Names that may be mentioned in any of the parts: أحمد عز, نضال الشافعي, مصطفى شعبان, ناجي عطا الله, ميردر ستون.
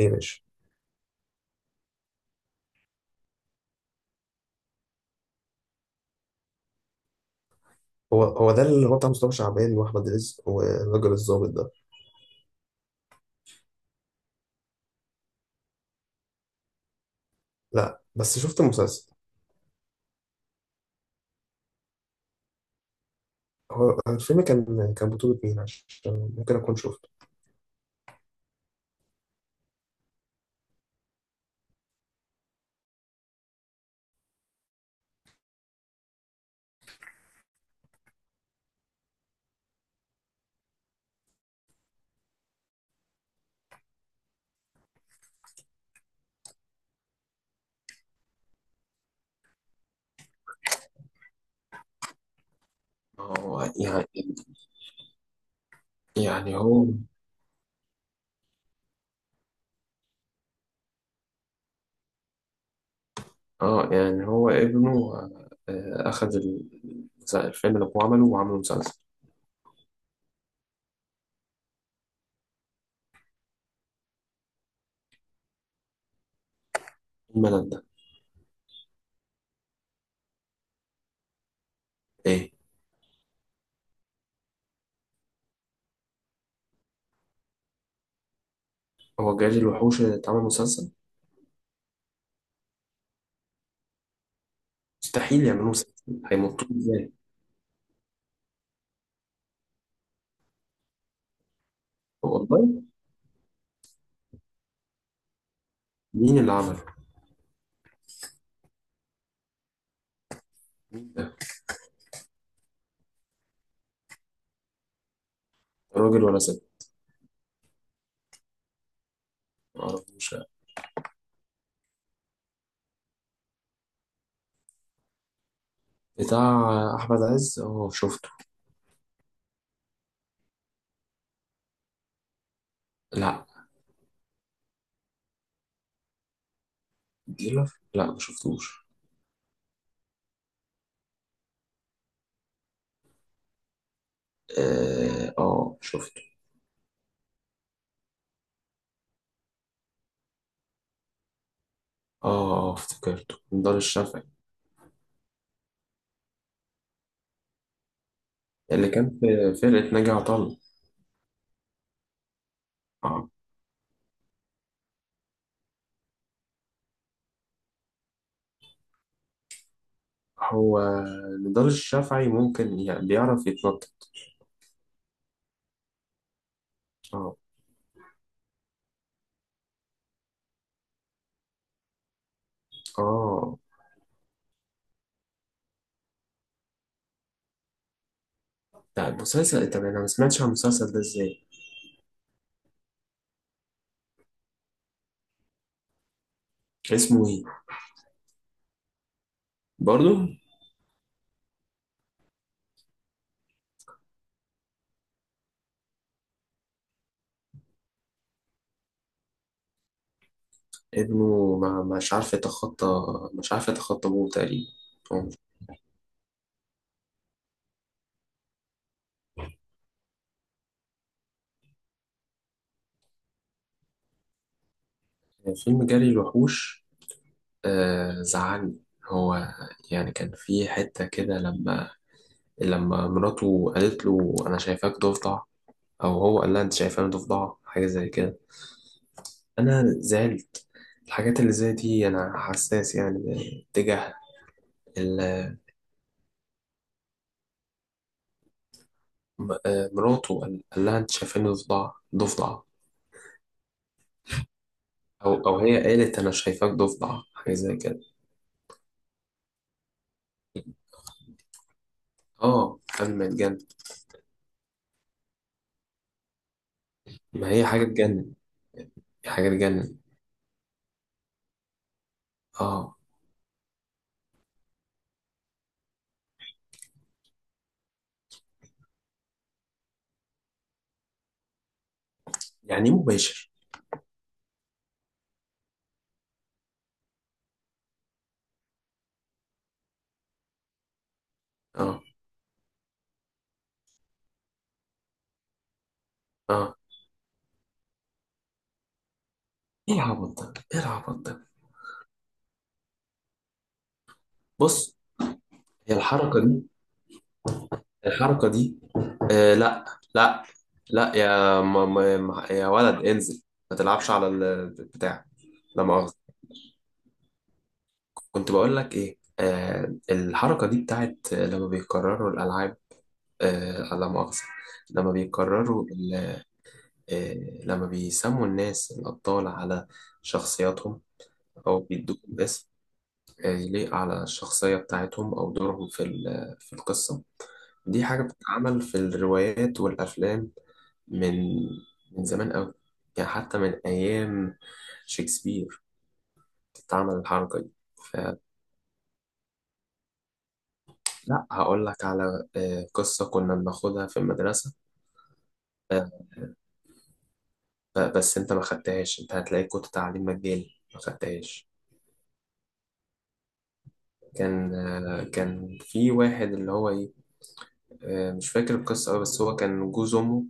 ايه، ماشي. هو ده اللي هو بتاع مصطفى شعبان واحمد رزق والراجل الظابط ده. لا، بس شفت المسلسل. هو الفيلم كان بطولة مين عشان ممكن اكون شفته؟ هو يعني، يعني هو، اه يعني هو ابنه. آه، الفيلم اللي هو عمله وعمله مسلسل. الملل ده. إيه؟ هو جاي الوحوش اللي اتعمل مسلسل؟ مستحيل يعملوه مسلسل. هيمطوه إزاي؟ والله. مين اللي عمله؟ مين ده؟ راجل ولا ست؟ معرفوش. بتاع أحمد عز؟ اه، شفته. لا. ديلر؟ لا، ما شفتوش. اه، آه، شفته. اه، آه، افتكرته نضال الشافعي. اللي كان في فرقة ناجي عطا الله. اه. هو نضال الشافعي ممكن بيعرف يتنطط. اه. اه، لا المسلسل. طب انا ما سمعتش عن المسلسل ده ازاي؟ اسمه ايه؟ برضو؟ ابنه ما مش عارف يتخطى، مش عارف يتخطى ابوه تقريبا. هو- مش- فيلم جري الوحوش. آه، زعلني. هو يعني كان في حتة كده لما مراته قالت له انا شايفاك ضفدع، او هو قال لها انت شايفاني ضفدع، حاجه زي كده. انا زعلت. الحاجات اللي زي دي انا حساس يعني تجاه ال- مراته قال لها انت شايفاني ضفدع، ضفدع. او او هي قالت انا شايفاك ضفدع، حاجه زي كده. اه، قبل ما يتجنن. ما هي حاجه تجنن، هي حاجه تجنن. اه. يعني إيه مباشر؟ اه. اه. ايه العبط ده، ايه العبط ده؟ بص. هي الحركه دي، الحركه دي. آه، لا. لا. لا يا يا ولد انزل، ما تلعبش على البتاع. لا مؤاخذة. كنت بقول لك ايه؟ آه، الحركة دي بتاعت لما بيكرروا الألعاب. آه، لا مؤاخذة. لما بيكرروا ال- آه لما بيسموا الناس الأبطال على شخصياتهم، أو بيدوهم اسم آه، يليق على الشخصية بتاعتهم أو دورهم في القصة. دي حاجة بتتعمل في الروايات والأفلام من زمان أوي. يعني حتى من أيام شكسبير بتتعمل الحركة دي. فلا، هقول لك على آه، قصة كنا بناخدها في المدرسة. آه، بس أنت ما خدتهاش، أنت هتلاقي كنت تعليم مجاني ما خدتهاش. كان آه، كان في واحد اللي هو إيه، آه، مش فاكر القصة أوي، بس هو كان جوز أمه.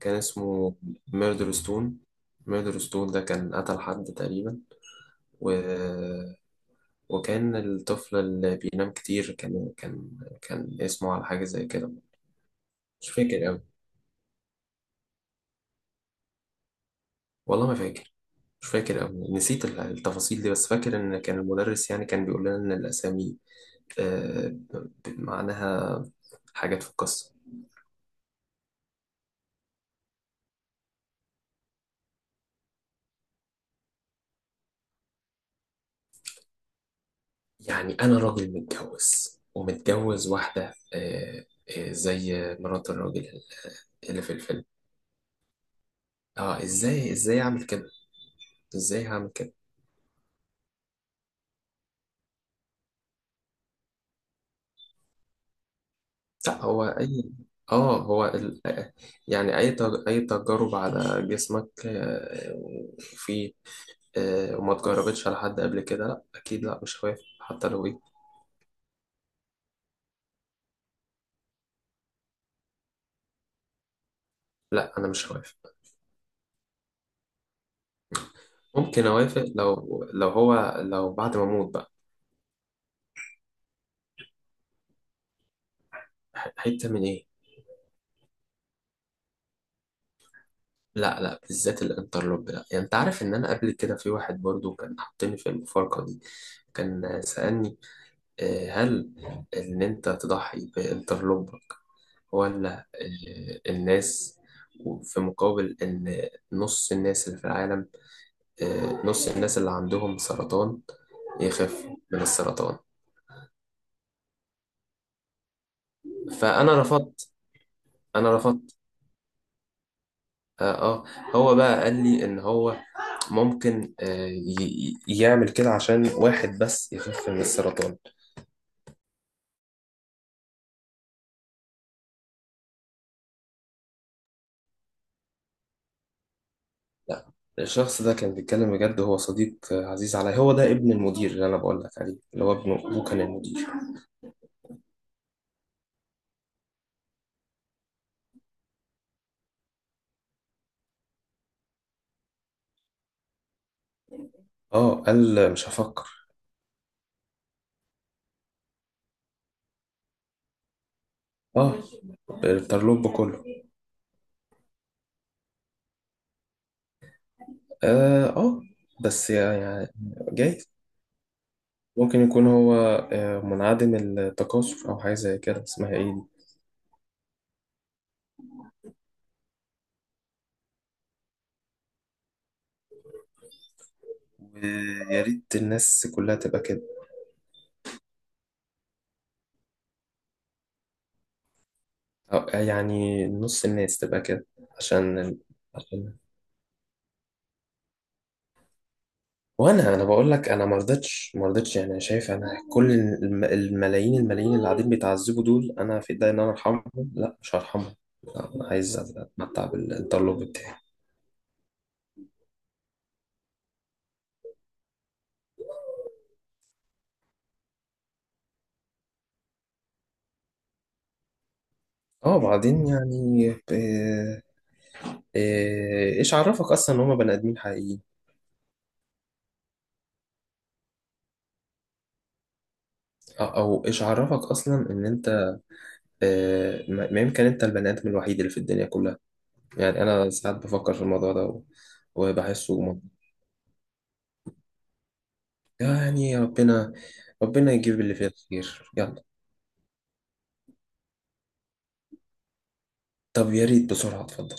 كان اسمه ميردر ستون. ميردر ستون ده كان قتل حد تقريبا. و وكان الطفل اللي بينام كتير كان كان اسمه على حاجة زي كده. مش فاكر أوي، والله ما فاكر. مش فاكر أوي، نسيت التفاصيل دي، بس فاكر إن كان المدرس يعني كان بيقول لنا إن الأسامي آه، معناها حاجات في القصة. يعني أنا راجل متجوز، ومتجوز واحدة آه، آه، زي مرات الراجل اللي في الفيلم. اه، ازاي، ازاي اعمل كده، ازاي هعمل كده؟ لا هو أي آه، هو ال... يعني أي تجارب على جسمك آه، وفي آه، وما اتجربتش على حد قبل كده؟ لا أكيد، لا مش هوافق حتى لو إيه. لا أنا مش هوافق. ممكن أوافق لو هو لو بعد ما أموت بقى. حتة من إيه؟ لا، لا بالذات الانترلوب لا. يعني أنت عارف إن أنا قبل كده في واحد برضو كان حاطني في المفارقة دي؟ كان سألني آه، هل إن أنت تضحي بانترلوب الناس؟ وفي مقابل إن نص الناس اللي في العالم آه، نص الناس اللي عندهم سرطان يخفوا من السرطان. فأنا رفضت، أنا رفضت. آه, آه. هو بقى قال لي إن هو ممكن آه يعمل كده عشان واحد بس يخف من السرطان. لا. الشخص ده كان بيتكلم بجد، هو صديق آه، عزيز عليا. هو ده ابن المدير اللي أنا بقول لك عليه، اللي هو ابنه، أبوه كان المدير. اه، قال مش هفكر. اه، الترلوب كله. اه، آه، بس يعني جايز. ممكن يكون هو آه، منعدم التكاثر او حاجه زي كده، اسمها ايه دي؟ ويا ريت الناس كلها تبقى كده. أو آه، يعني نص الناس تبقى كده. عشان، عشان، وانا بقول لك انا ما رضيتش، ما رضيتش. يعني شايف انا كل الملايين اللي قاعدين بيتعذبوا دول انا في ايدي ان انا ارحمهم، لا مش هرحمهم. لا، انا عايز اتمتع بالتطلب بتاعي. اه بعدين يعني آه، إيه- ايش عرفك اصلا ان هما بني ادمين حقيقيين؟ او أو ايش عرفك اصلا ان انت آه، ما يمكن انت البني ادم الوحيد اللي في الدنيا كلها؟ يعني انا ساعات بفكر في الموضوع ده وبحسه يعني ربنا، ربنا يجيب اللي فيه الخير، يلا. طب يا ريت بسرعة، اتفضل.